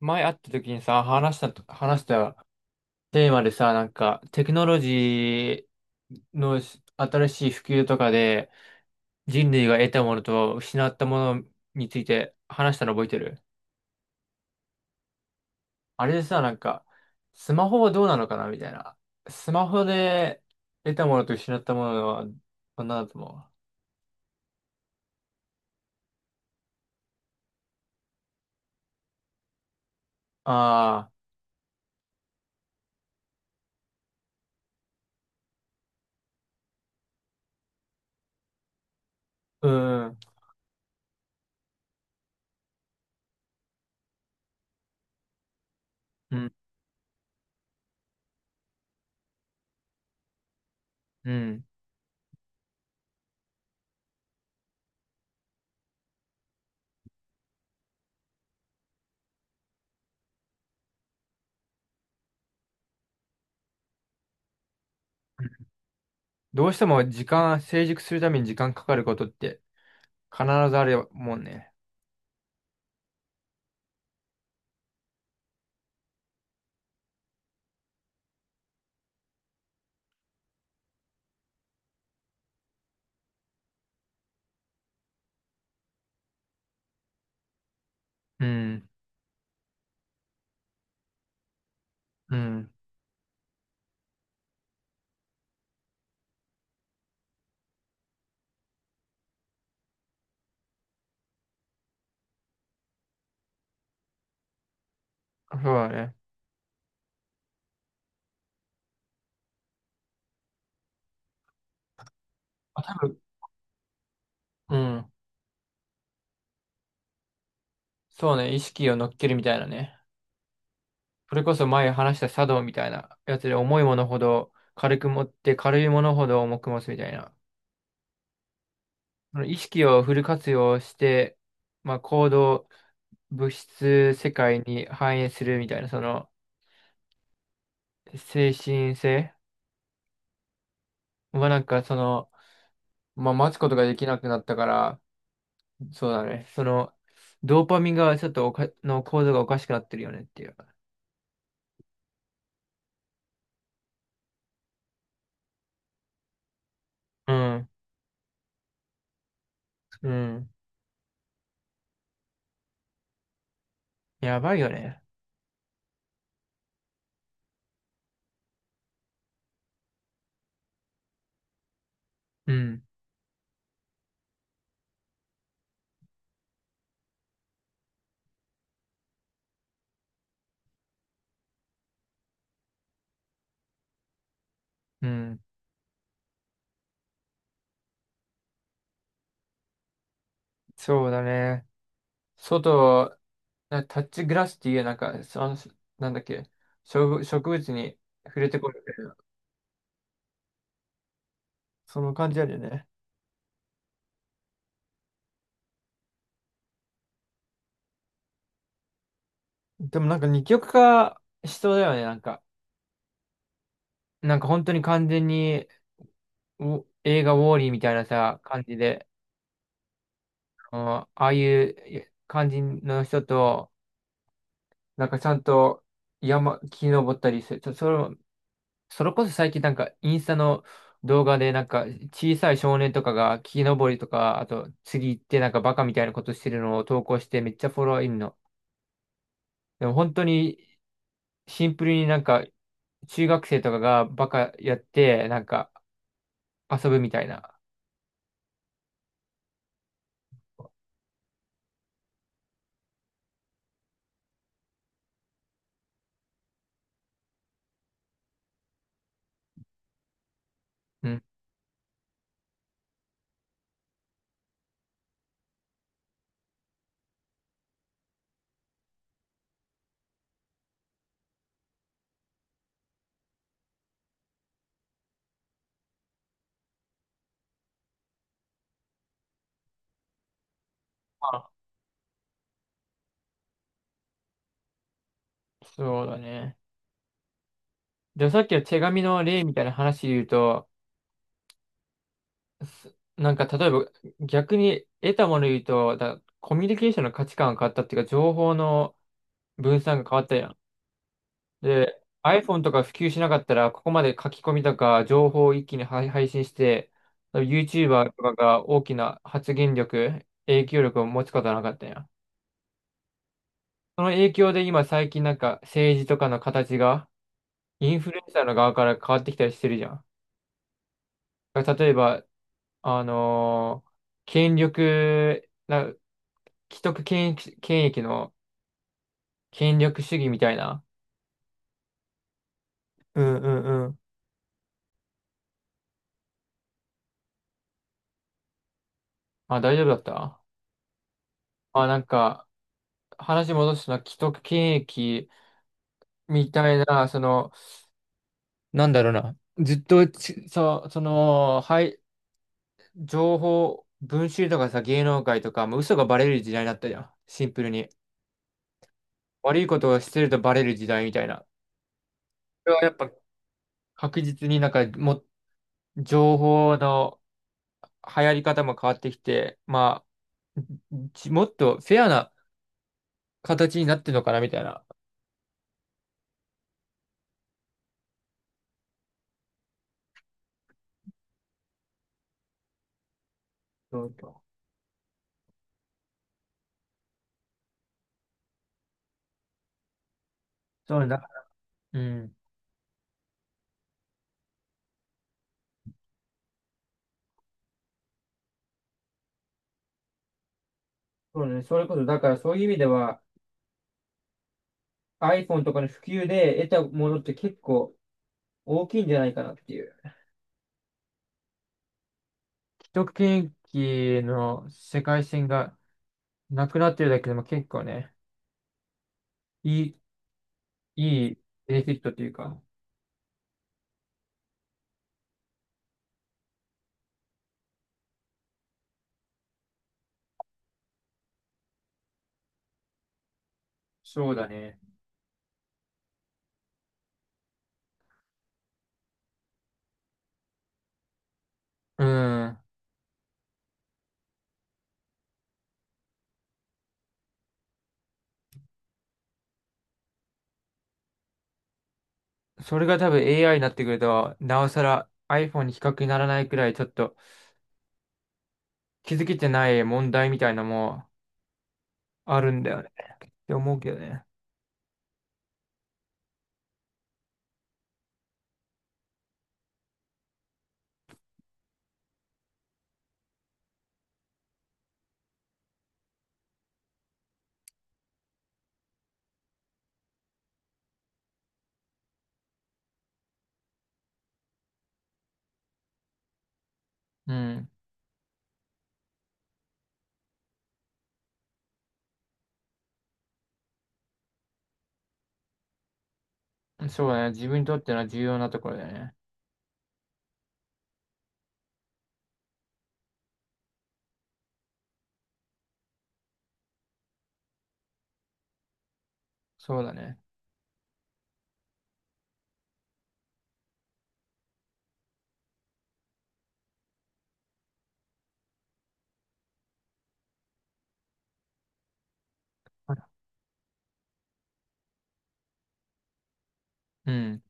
前会った時にさ、話したテーマでさ、テクノロジーの新しい普及とかで、人類が得たものと失ったものについて話したの覚えてる。あれでさ、スマホはどうなのかなみたいな。スマホで得たものと失ったものは、何だと思う？ああー、うん、うん、うん。どうしても時間、成熟するために時間かかることって必ずあるもんね。うん、うん。そうだね。まあ、多分、うん。そうね、意識を乗っけるみたいなね。それこそ前話した茶道みたいなやつで重いものほど軽く持って軽いものほど重く持つみたいな。その意識をフル活用して、まあ、行動、物質世界に反映するみたいな、その精神性はなんかその、まあ、待つことができなくなったから、そうだね。その、ドーパミンがちょっとおか、の構造がおかしくなってるよねっていう。うん。うん。やばいよね。うん、うん、そうだね。外、なタッチグラスっていう、なんか、その、なんだっけ、植物に触れてこるみたいな、その感じあるよね。でもなんか二極化しそうだよね、なんか。なんか本当に完全に、映画ウォーリーみたいなさ、感じで、うん、ああいう感じの人と、なんかちゃんと木登ったりする。それもそれこそ最近なんかインスタの動画でなんか小さい少年とかが木登りとか、あと次行ってなんかバカみたいなことしてるのを投稿してめっちゃフォロワーいるの。でも本当にシンプルになんか中学生とかがバカやってなんか遊ぶみたいな。うん。あ、そうだね。で、さっきの手紙の例みたいな話で言うと、なんか例えば逆に得たもの言うと、コミュニケーションの価値観が変わったっていうか情報の分散が変わったやん。で、iPhone とか普及しなかったら、ここまで書き込みとか情報を一気に配信して、YouTuber とかが大きな発言力、影響力を持つことはなかったんや。その影響で今最近なんか政治とかの形がインフルエンサーの側から変わってきたりしてるじゃん。だから例えば、あのー権力、な、既得権益、権益の権力主義みたいな。うんうんうん。あ、大丈夫だった？あ、なんか、話戻すのは既得権益みたいな、その、なんだろうな。ずっとち、そう、その、はい、情報、文集とかさ、芸能界とか、もう嘘がバレる時代だったじゃん。シンプルに。悪いことをしてるとバレる時代みたいな。それはやっぱ確実になんか、も、情報の流行り方も変わってきて、まあ、もっとフェアな形になってるのかな、みたいな。そうそう、そうねだ。うん。そうね。それこそ、だからそういう意味では、iPhone とかの普及で得たものって結構大きいんじゃないかなっていう。一区域の世界線がなくなってるだけでも結構ね、いい、いいベネフィットというか、そうだね。うん。それが多分 AI になってくると、なおさら iPhone に比較にならないくらいちょっと気づけてない問題みたいなのもあるんだよね。って思うけどね。うん。そうだね。自分にとっての重要なところだよね。そうだね。うん。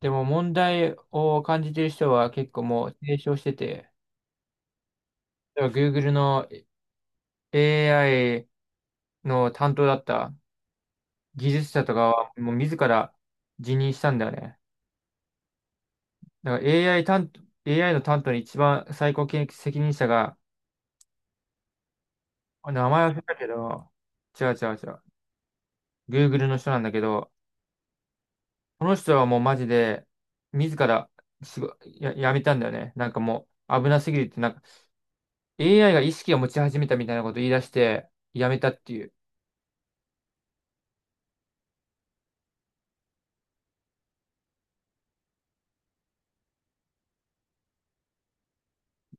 でも問題を感じてる人は結構もう提唱してて、では Google の AI の担当だった技術者とかはもう自ら辞任したんだよね。だから AI 担当、AI の担当の一番最高権責任者が、あ、名前忘れたけど、違う違う違う。Google の人なんだけど、この人はもうマジで自ら仕事や、やめたんだよね。なんかもう危なすぎるって、なんか AI が意識を持ち始めたみたいなことを言い出して、やめたっていう。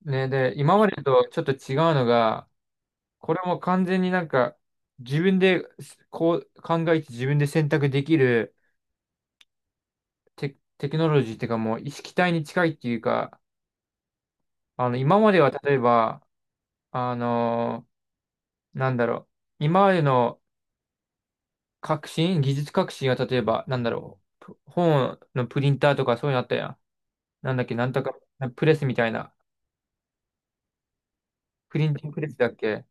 ね、で、今までとちょっと違うのが、これも完全になんか、自分でこう考えて自分で選択できるテクノロジーっていうかもう意識体に近いっていうか、あの、今までは例えば、あのーなんだろう、今までの技術革新は例えば、なんだろう、本のプリンターとかそういうのあったやん。なんだっけ、なんとか、プレスみたいな、プリンティングプレスだっけ。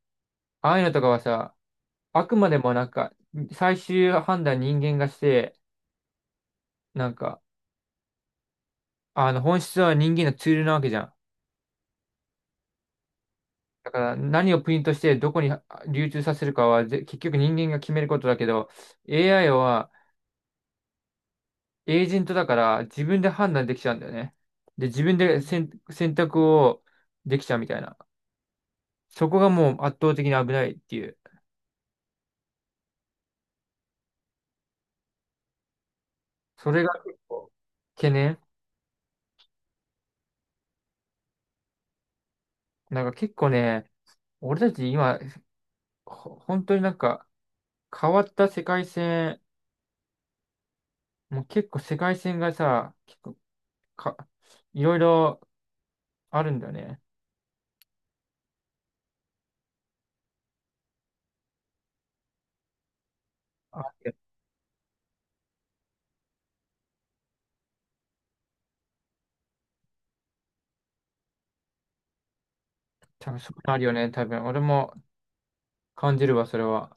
ああいうのとかはさ、あくまでもなんか、最終判断人間がして、なんか、あの本質は人間のツールなわけじゃん。だから何をプリントしてどこに流通させるかは結局人間が決めることだけど、 AI はエージェントだから自分で判断できちゃうんだよね。で、自分で選、選択をできちゃうみたいな。そこがもう圧倒的に危ないっていう。それが結構懸念。なんか結構ね、俺たち今、本当になんか変わった世界線、もう結構世界線がさ、結構か、いろいろあるんだよね。あ、いや、多分そうなるよね、多分。俺も感じるわ、それは。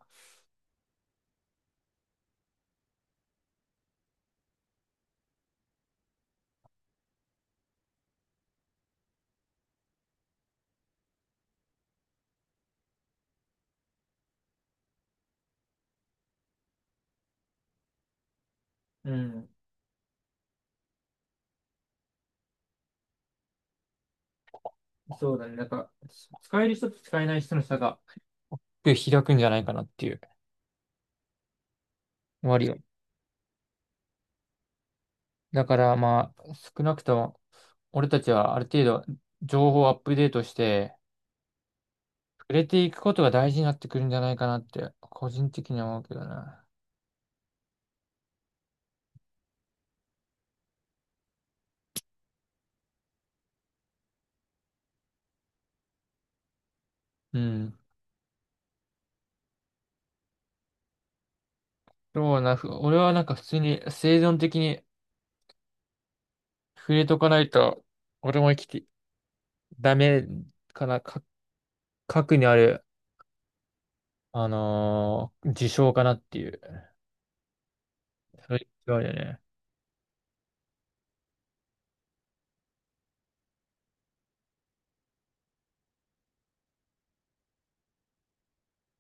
うん。そうだね。なんか、使える人と使えない人の差が開くんじゃないかなっていう。割よ。だからまあ、少なくとも、俺たちはある程度、情報をアップデートして、触れていくことが大事になってくるんじゃないかなって、個人的には思うけどな。うん。そうな、俺はなんか普通に生存的に触れとかないと、俺も生きて、ダメかな、か、核にあるあのー自称かなっていう。それ違うよね。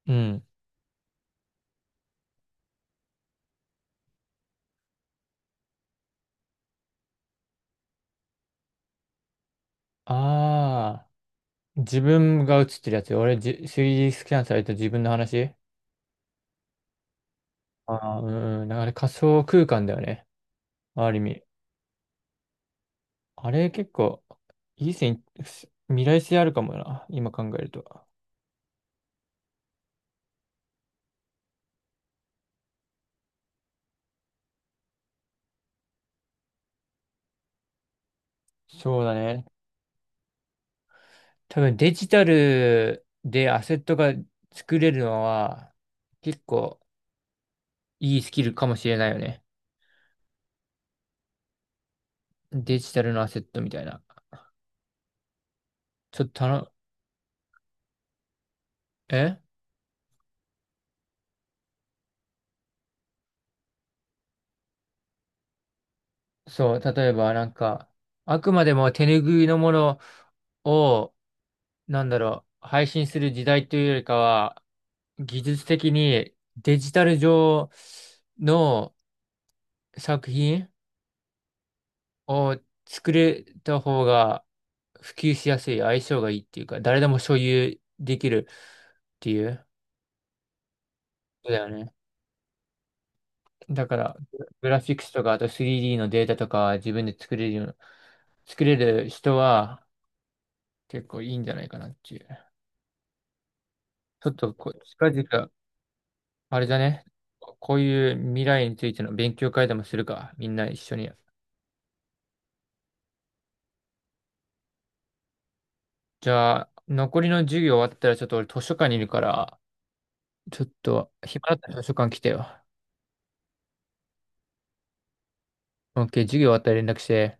うん。ああ、自分が映ってるやつ。3D スキャンされた自分の話。ああー、うんうん。だから仮想空間だよね。ある意味。あれ結構、いい線、未来性あるかもな。今考えると。そうだね。多分デジタルでアセットが作れるのは、結構いいスキルかもしれないよね。デジタルのアセットみたいな。ちょっと頼む、え、そう、例えばなんか、あくまでも手拭いのものを、なんだろう、配信する時代というよりかは、技術的にデジタル上の作品を作れた方が普及しやすい、相性がいいっていうか、誰でも所有できるっていう、そうだよね。だから、グラフィックスとか、あと 3D のデータとか自分で作れるような、作れる人は結構いいんじゃないかなっていう。ちょっとこう、近々、あれだね。こういう未来についての勉強会でもするか。みんな一緒に。じゃあ、残りの授業終わったら、ちょっと俺図書館にいるから、ちょっと、暇だったら図書館来てよ。OK、授業終わったら連絡して。